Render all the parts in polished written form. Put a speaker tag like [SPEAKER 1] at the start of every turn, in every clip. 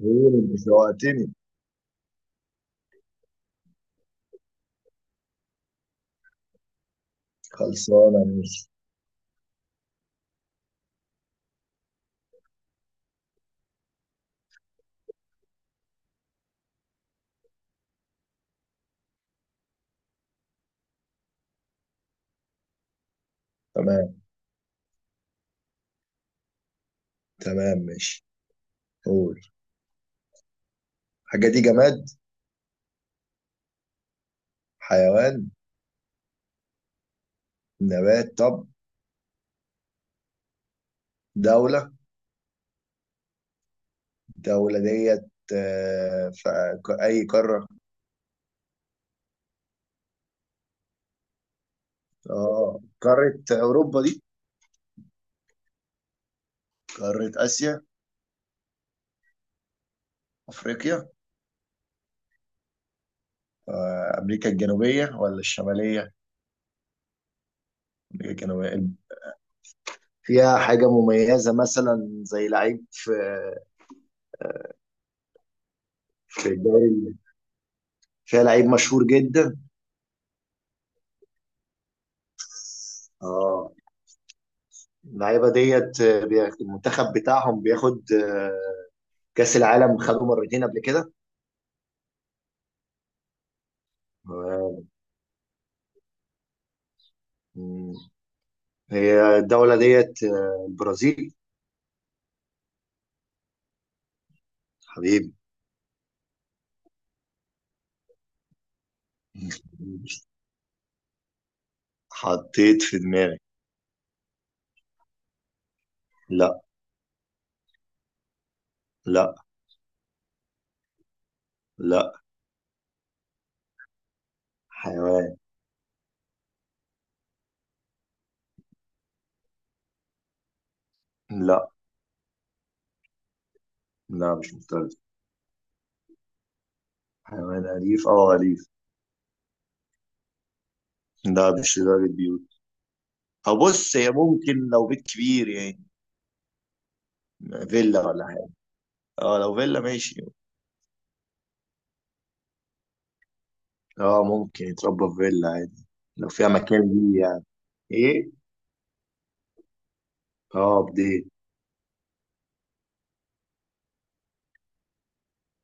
[SPEAKER 1] قول. شوقتني. خلصانة يا موسى. تمام. تمام، ماشي. قول. الحاجة دي جماد؟ حيوان؟ نبات؟ طب، دولة؟ الدولة ديت في أي قارة؟ اه، قارة أوروبا دي؟ قارة آسيا؟ أفريقيا؟ أمريكا الجنوبية ولا الشمالية؟ أمريكا الجنوبية. فيها حاجة مميزة مثلا زي لعيب في الدوري. فيها لعيب مشهور جدا. اه. اللعيبه ديت المنتخب بتاعهم بياخد كاس العالم، خدوا مرتين قبل كده. مم. هي الدوله ديت البرازيل. حبيبي. حطيت في دماغي. لا. لا. لا. حيوان. لا لا، مش مفترس. حيوان أليف أو أليف؟ لا، مش لدرجة بيوت. أو بص، هي ممكن لو بيت كبير يعني. فيلا ولا حاجة. اه، لو فيلا ماشي. اه، ممكن يتربى في فيلا عادي. لو فيها مكان ليه يعني. ايه؟ اه، بديل.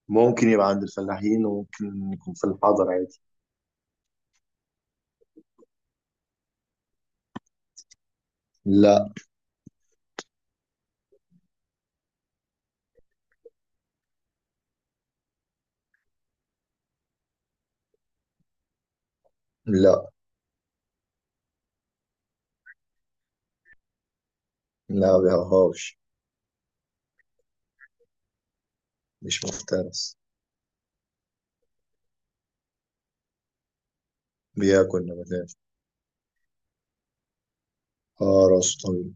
[SPEAKER 1] ممكن يبقى عند الفلاحين، وممكن يكون في الحضر عادي. لا. لا. لا بيهرهاش. مش مفترس. بياكل نباتات. اه، راسه طويل.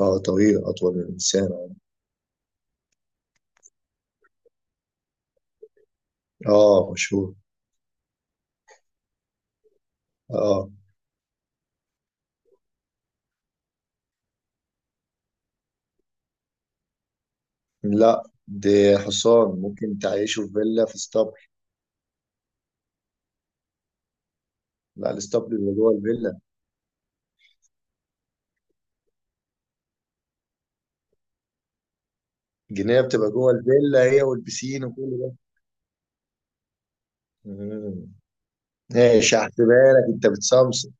[SPEAKER 1] اه، طويل أطول من الإنسان. اه، مشهور. اه. لا، دي حصان ممكن تعيشه في فيلا في اسطبل. لا، الاسطبل بيبقى جوه الفيلا. الجنينة بتبقى جوه الفيلا هي والبسين وكل ده. مم. ماشي، هحسبها لك، انت بتصمصم.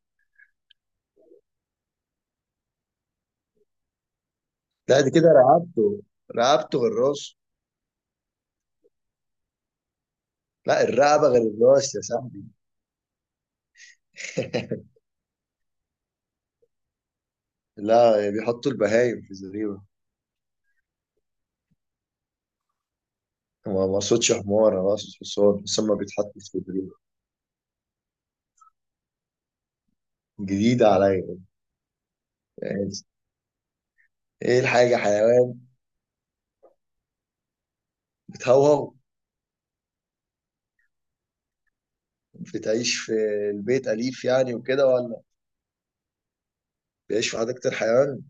[SPEAKER 1] لا، دي كده رقبته. رقبته غير راسه. لا، الرقبة غير الراس يا صاحبي. لا، بيحطوا البهايم في الزريبة. ما اقصدش حمار، انا اقصد حصان بس هما بيتحطوا في الزريبة. جديدة عليا. يعني. ايه الحاجة؟ حيوان؟ بتهوهو؟ بتعيش في البيت؟ أليف يعني وكده ولا؟ بيعيش في حديقة الحيوان؟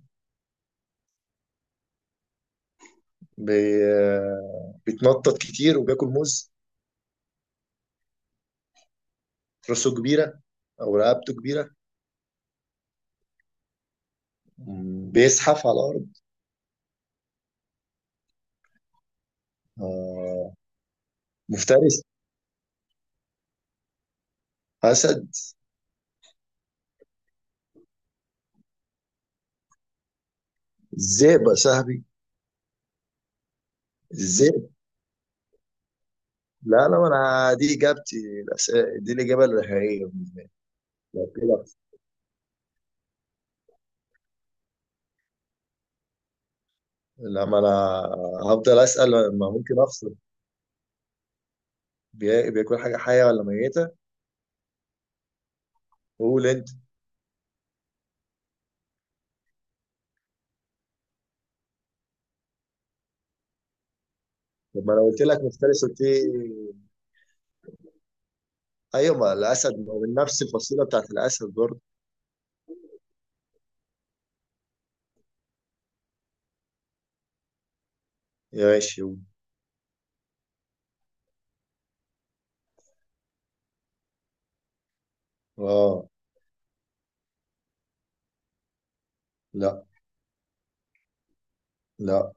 [SPEAKER 1] بي... بيتنطط كتير وبياكل موز؟ راسه كبيرة؟ أو رقبته كبيرة؟ مم. بيزحف على الأرض؟ آه. مفترس؟ أسد؟ الذئب يا صاحبي. الذئب. لا، لا، ما أنا دي إجابتي. دي الإجابة النهائية. لو كده. لما انا هفضل اسال، ما ممكن افصل. بياكل حاجه حيه ولا ميته؟ قول انت. طب ما انا قلت لك مفترس، قلت لي ايوه. ما الاسد ما هو من نفس الفصيله بتاعت الاسد برضه. ماشي، قول. اه. لا. لا.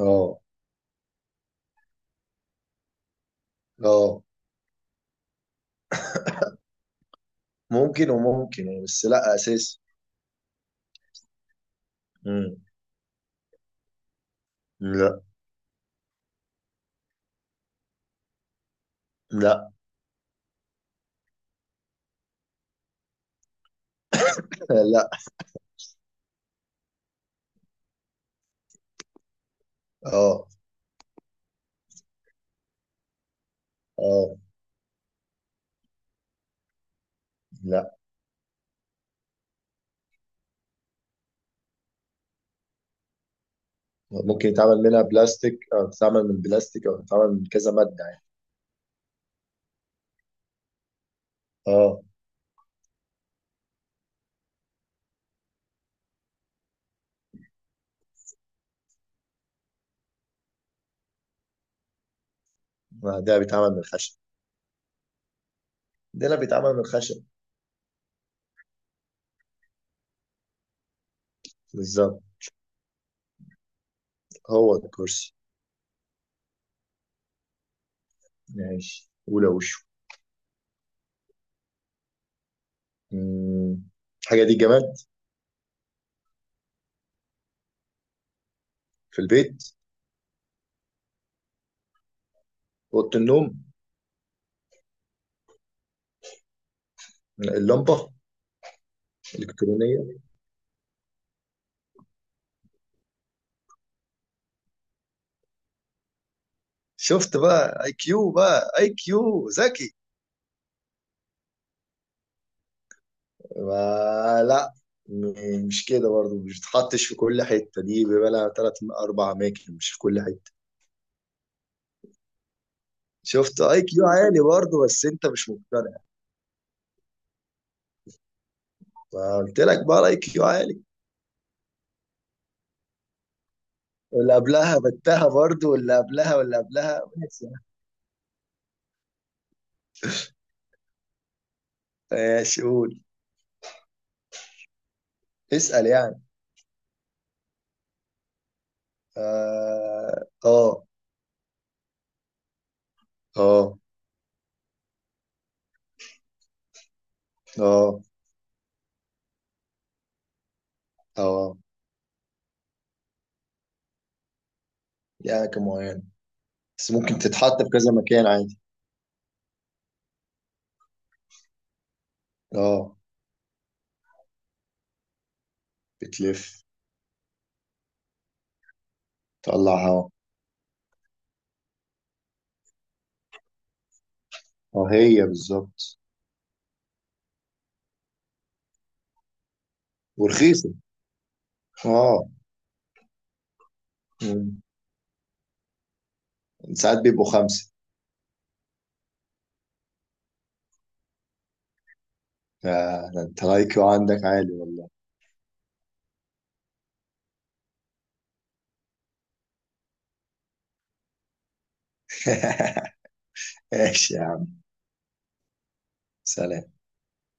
[SPEAKER 1] اه. اه. ممكن وممكن يعني، بس لا اساسي. مم. لا. لا. لا. اه. اه. لا. ممكن يتعمل منها بلاستيك، او تتعمل من بلاستيك، او تتعمل من كذا ماده يعني. اه. ما ده بيتعمل من الخشب. ده لا، بيتعمل من الخشب. بالظبط. هو ده الكرسي. ماشي، أولى وشه. مم. الحاجة دي جماد؟ في البيت؟ أوضة النوم؟ اللمبة. الإلكترونية. شفت بقى IQ، بقى IQ ذكي. لا. مش كده برضه، مش بتحطش في كل حتة، دي بيبقى لها تلات أربع أماكن مش في كل حتة. شفت IQ عالي برضه، بس أنت مش مقتنع. فقلت لك بقى الIQ عالي. واللي قبلها بتها برضه، واللي قبلها واللي قبلها ماشي. ماشي، قول. اسأل يعني. اه. اه. اه. اه. اه. ليها أماكن معينة. بس ممكن تتحط في كذا مكان عادي. اه. بتلف. تطلع هوا. اه، هي بالظبط. ورخيصة. اه. مم. ساعات بيبقوا خمسة. ده انت لايكيو عندك عالي والله. ماشي يا عم. سلام.